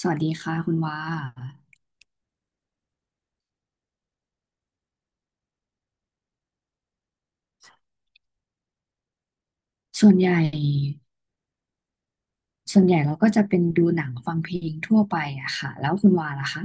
สวัสดีค่ะคุณว่าส่วนใหญ่ส่วนใหญ่เราก็จะเป็นดูหนังฟังเพลงทั่วไปอะค่ะแล้วคุณว่าล่ะคะ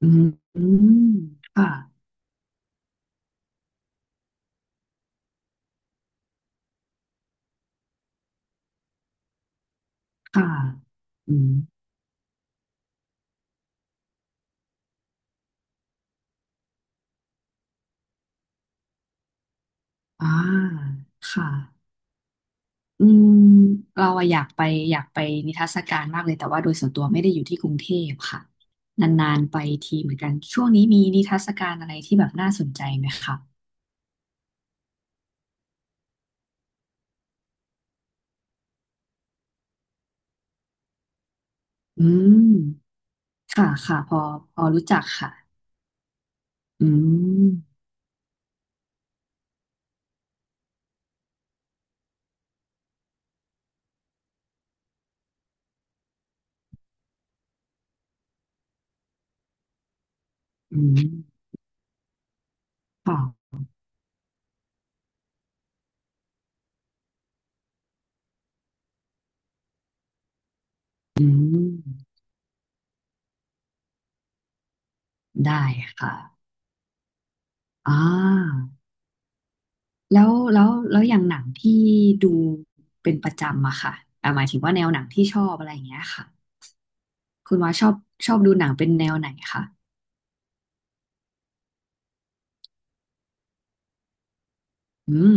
อืมอืมค่ะค่ะอืมอ่าค่ะอืมเราอะอยากไปอยากไปนิทรรศการมากเลยแต่ว่าโดยส่วนตัวไม่ได้อยู่ที่กรุงเทพค่ะนานๆไปทีเหมือนกันช่วงนี้มีนิทรรศการอะไรที่แบบน่าสนใจไหมคะอืมค่ะค่ะพอรู้จักค่ะอืมอืมค่ะ อืมได้ค่ะอ่าแล้วอย่างหนังที่ดูเป็นประจำอะค่ะอ่าหมายถึงว่าแนวหนังที่ชอบอะไรอย่างเงี้ยค่ะคุณว่าชอบดูหนังเป็นแนวไหนคะอืม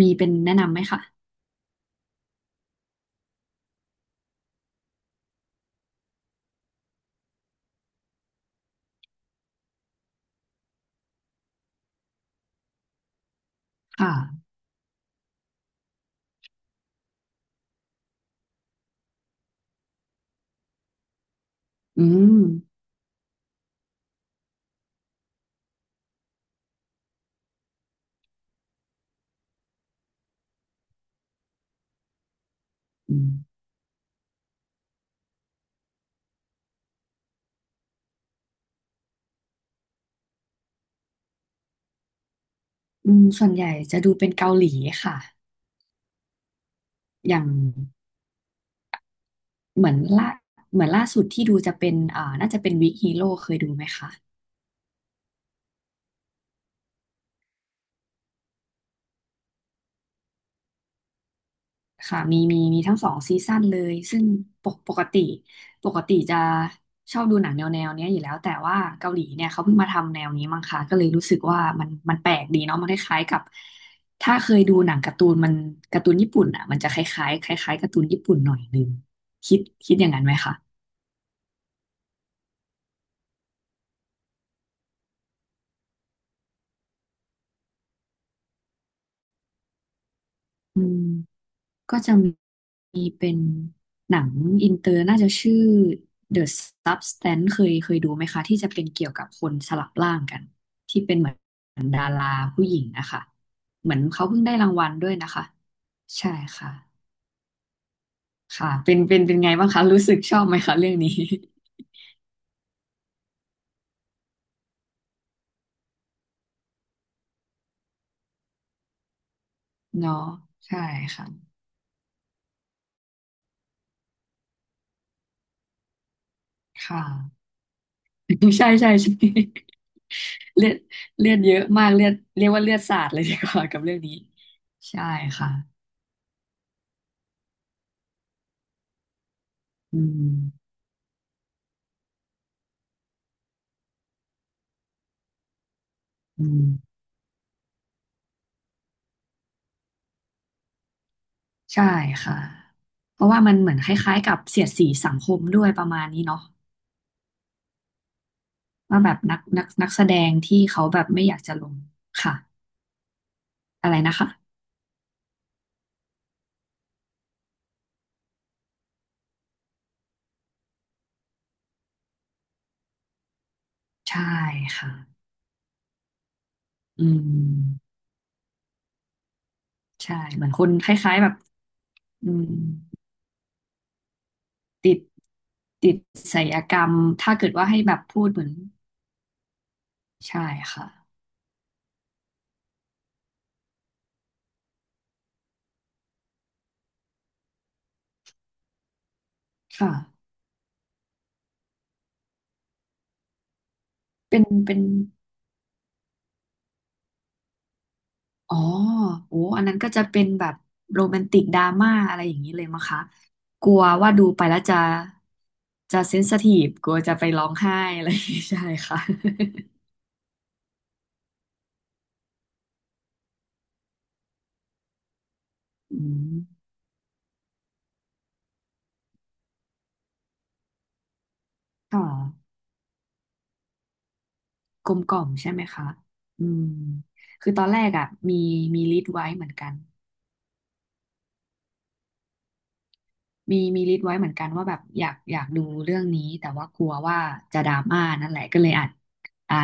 มีเป็นแนะนำไหมคะค่ะอืมอืมอืมส่วนใหญ่จะดูเป็นเกาหลีค่ะอย่างเหมือนล่าเหมือนล่าสุดที่ดูจะเป็นอ่าน่าจะเป็นวิกฮีโร่เคยดูไหมคะ ค่ะมีมีทั้งสองซีซั่นเลยซึ่งปกปกติปกติจะชอบดูหนังแนวเนี้ยอยู่แล้วแต่ว่าเกาหลีเนี่ยเขาเพิ่งมาทำแนวนี้มั้งคะก็เลยรู้สึกว่ามันแปลกดีเนาะมันคล้ายๆกับถ้าเคยดูหนังการ์ตูนการ์ตูนญี่ปุ่นอ่ะมันจะคล้ายๆคล้ายๆการ์ตูนญี่ปุ่นหน่อยนึงคิดคิดอย่างนั้นไหมคะอืม ก็จะมีเป็นหนังอินเตอร์น่าจะชื่อ The Substance เคยดูไหมคะที่จะเป็นเกี่ยวกับคนสลับร่างกันที่เป็นเหมือนดาราผู้หญิงนะคะเหมือนเขาเพิ่งได้รางวัลด้วยนะคะใช่ค่ะค่ะเป็นเป็นไงบ้างคะรู้สึกชอบไหมคะเรื่องนี้ เนาะใช่ค่ะค่ะ ใช่ใช่ เลือดเลือดเยอะมากเลือดเรียกว่าเลือดสาดเลยดีกว่ากับเรื่องนี้ใช่ค่ะอืมอืม ใช่ค่ะเพราะว่ามันเหมือนคล้ายๆกับเสียดสีสังคมด้วยประมาณนี้เนาะว่าแบบนักนักนักแสดงที่เขาแบบไม่อยากจะลงค่ะอะไรนะคะใช่ค่ะอืมใช่เหมือนคนคล้ายๆแบบอืมติดติดไสยกรรมถ้าเกิดว่าให้แบบพูดเหมือนใช่ค่ะค่ะเป็นเป็น อ๋อโอ้อันนั้นก็จะเป็นแบบโรแมนติกดราม่าอะไรอย่างนี้เลยมั้งคะกลัวว่าดูไปแล้วจะเซนซิทีฟกลัวจะไปร้องไห้อะไรอย่างงี้ใช่ค่ะ อืมก็กลมกล่อมใช่ไหมคะอืมคือตอนแรกอ่ะมีมีลิสต์ไว้เหมือนกันมีลิสต์ไว้เหมือนกันว่าแบบอยากดูเรื่องนี้แต่ว่ากลัวว่าจะดราม่านั่นแหละก็เลยอัดอ่า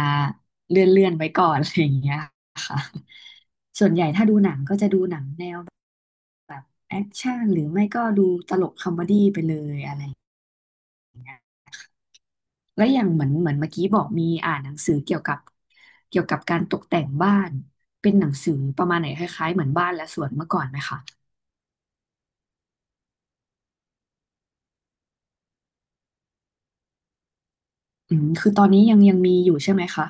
เลื่อนไว้ก่อนอะไรอย่างเงี้ยค่ะ แอคชั่นหรือไม่ก็ดูตลกคอมเมดี้ไปเลยอะไรแล้วอย่างเหมือนเมื่อกี้บอกมีอ่านหนังสือเกี่ยวกับการตกแต่งบ้านเป็นหนังสือประมาณไหนคล้ายๆเหมือนบ้านและสวนเมื่อก่อนไหมคะอืมคือตอนนี้ยังมีอยู่ใช่ไหมคะ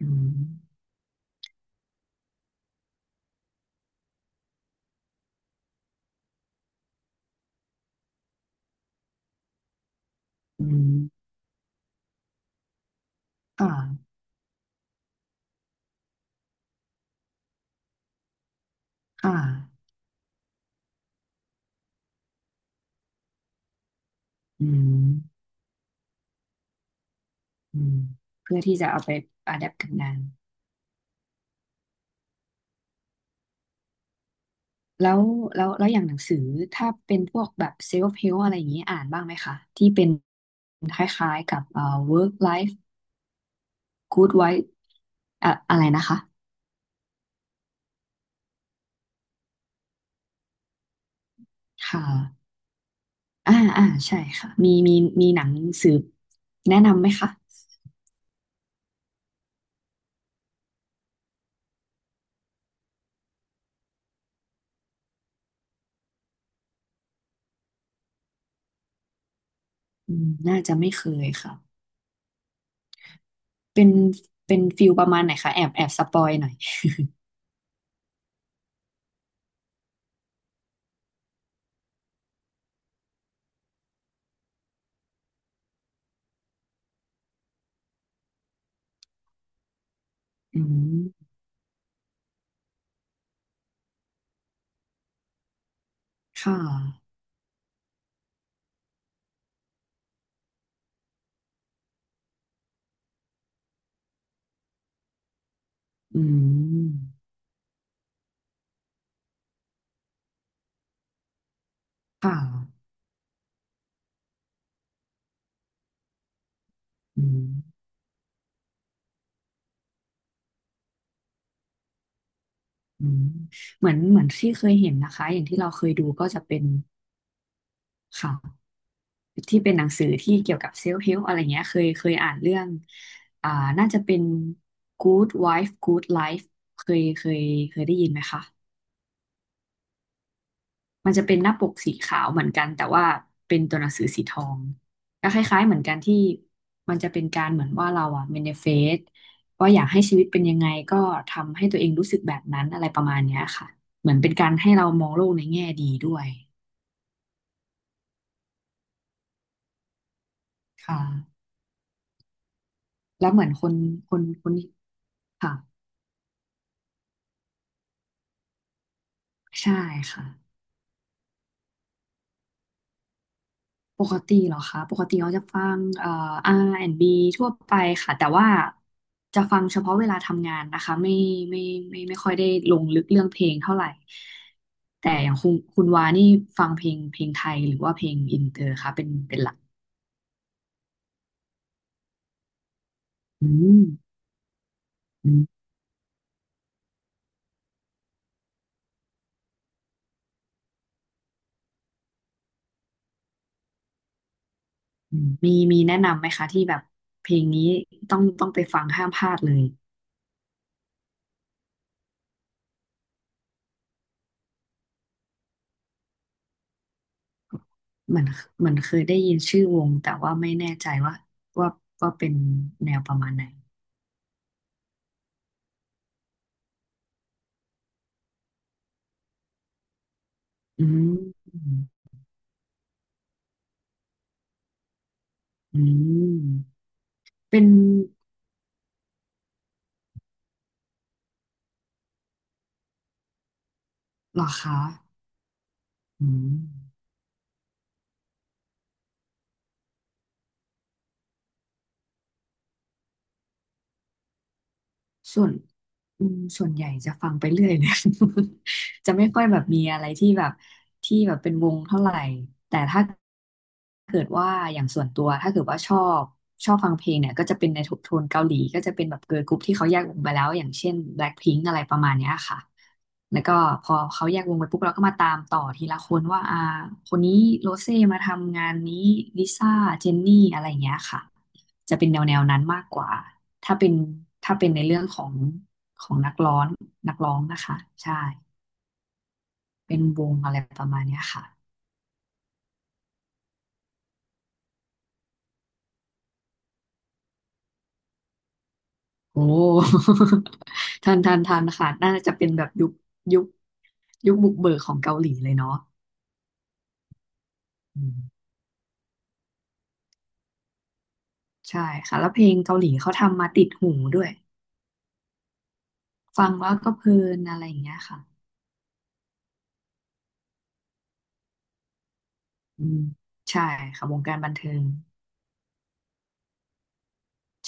อืมอืมค่ะค่ะอืมอืมเพื่อที่จะเอาไปอะแดปกับงานแล้วแล้วแล้วอย่างหนังสือถ้าเป็นพวกแบบเซลฟ์เฮลอะไรอย่างนี้อ่านบ้างไหมคะที่เป็นคล้ายๆกับwork life Good Wife อะอะไรนะคะค่ะอ่าใช่ค่ะมีมีหนังสืบแนะนำไหมคะอืมน่าจะไม่เคยค่ะเป็นเป็นฟิลประมาณไหนคะแอบสปอยหน่อยอืมค่ะอืมค่ะอืมอืมเหมือนที่เคยเห็นนะคะอย่างที่เราเคยดูก็จะเป็นค่ะ ที่เป็นหนังสือที่เกี่ยวกับเซลฟ์เฮล p อะไรเงี้ยเคยอ่านเรื่องอ่าน่าจะเป็น Good Wife Good Life เคยเคยเคยได้ยินไหมคะ มันจะเป็นหน้าปกสีขาวเหมือนกันแต่ว่าเป็นตัวหนังสือสีทองก็คล้ายๆเหมือนกันที่มันจะเป็นการเหมือนว่าเราอะเมนิเฟสว่าอยากให้ชีวิตเป็นยังไงก็ทำให้ตัวเองรู้สึกแบบนั้นอะไรประมาณเนี้ยค่ะเหมือนเป็นการให้เรามองโลกในแง่ดีด้วยค่ะแล้วเหมือนคนค่ะใช่ค่ะ ปกติเหรอคะปกติเราจะฟังr ีทั่วไปค่ะแต่ว่าจะฟังเฉพาะเวลาทำงานนะคะไม่ไม่ค่อยได้ลงลึกเรื่องเพลงเท่าไหร่แต่อย่างคุณวานี่ฟังเพลงไทยหรือว่าเพลงอินเตอร์คะเป็นหลักอืมอืมอืมมีมีแนะนำไหมคะที่แบบเพลงนี้ต้องไปฟังห้ามพลาดเลยเหมือนเหมือนเคยได้ยินชื่อวงแต่ว่าไม่แน่ใจว่าว่าเป็นแนวประมาณไหนอืม อืมเป็นเหรอคะอืม ส่วนอืมส่วนใหญ่จะฟังไปเรื่อยเลย จะไม่ค่อยแบบมีอะไรที่แบบเป็นวงเท่าไหร่ แต่ถ้าเกิดว่าอย่างส่วนตัวถ้าเกิดว่าชอบฟังเพลงเนี่ยก็จะเป็นในโทนเกาหลีก็จะเป็นแบบเกิร์ลกรุ๊ปที่เขาแยกวงไปแล้วอย่างเช่น BLACKPINK อะไรประมาณเนี้ยค่ะ แล้วก็พอเขาแยกวงไปปุ๊บเราก็มาตามต่อทีละคนว่าอ่าคนนี้โรเซ่มาทำงานนี้ลิซ่าเจนนี่อะไรอย่างเงี้ยค่ะ จะเป็นแนวนั้นมากกว่า ถ้าเป็นถ้าเป็นในเรื่องของของนักร้องนะคะใช่เป็นวงอะไรประมาณเนี้ยค่ะโอ้ ทันค่ะน่าจะเป็นแบบยุคยุคยุคบุกเบิกของเกาหลีเลยเนาะอืมใช่ค่ะแล้วเพลงเกาหลีเขาทำมาติดหูด้วยฟังแล้วก็เพลินอะไรอย่างเงี้ยค่ะอืมใช่ค่ะวงการบันเทิง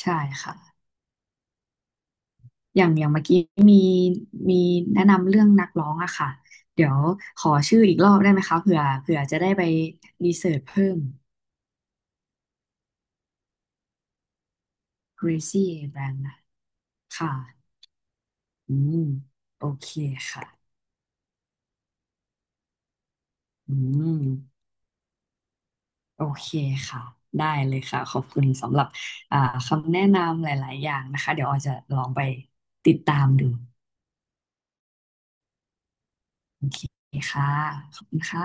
ใช่ค่ะ อย่างเมื่อกี้มีมีแนะนำเรื่องนักร้องอะค่ะเดี๋ยวขอชื่ออีกรอบได้ไหมคะเผื่อจะได้ไปรีเสิร์ชเพิ่ม Gracie a b r a m นะค่ะอืมโอเคค่ะอืมโอเคค่ะได้เลยค่ะขอบคุณสำหรับอ่าคำแนะนำหลายๆ อย่างนะคะเดี๋ยวออยจะลองไปติดตามดูโอเคค่ะขอบคุณค่ะ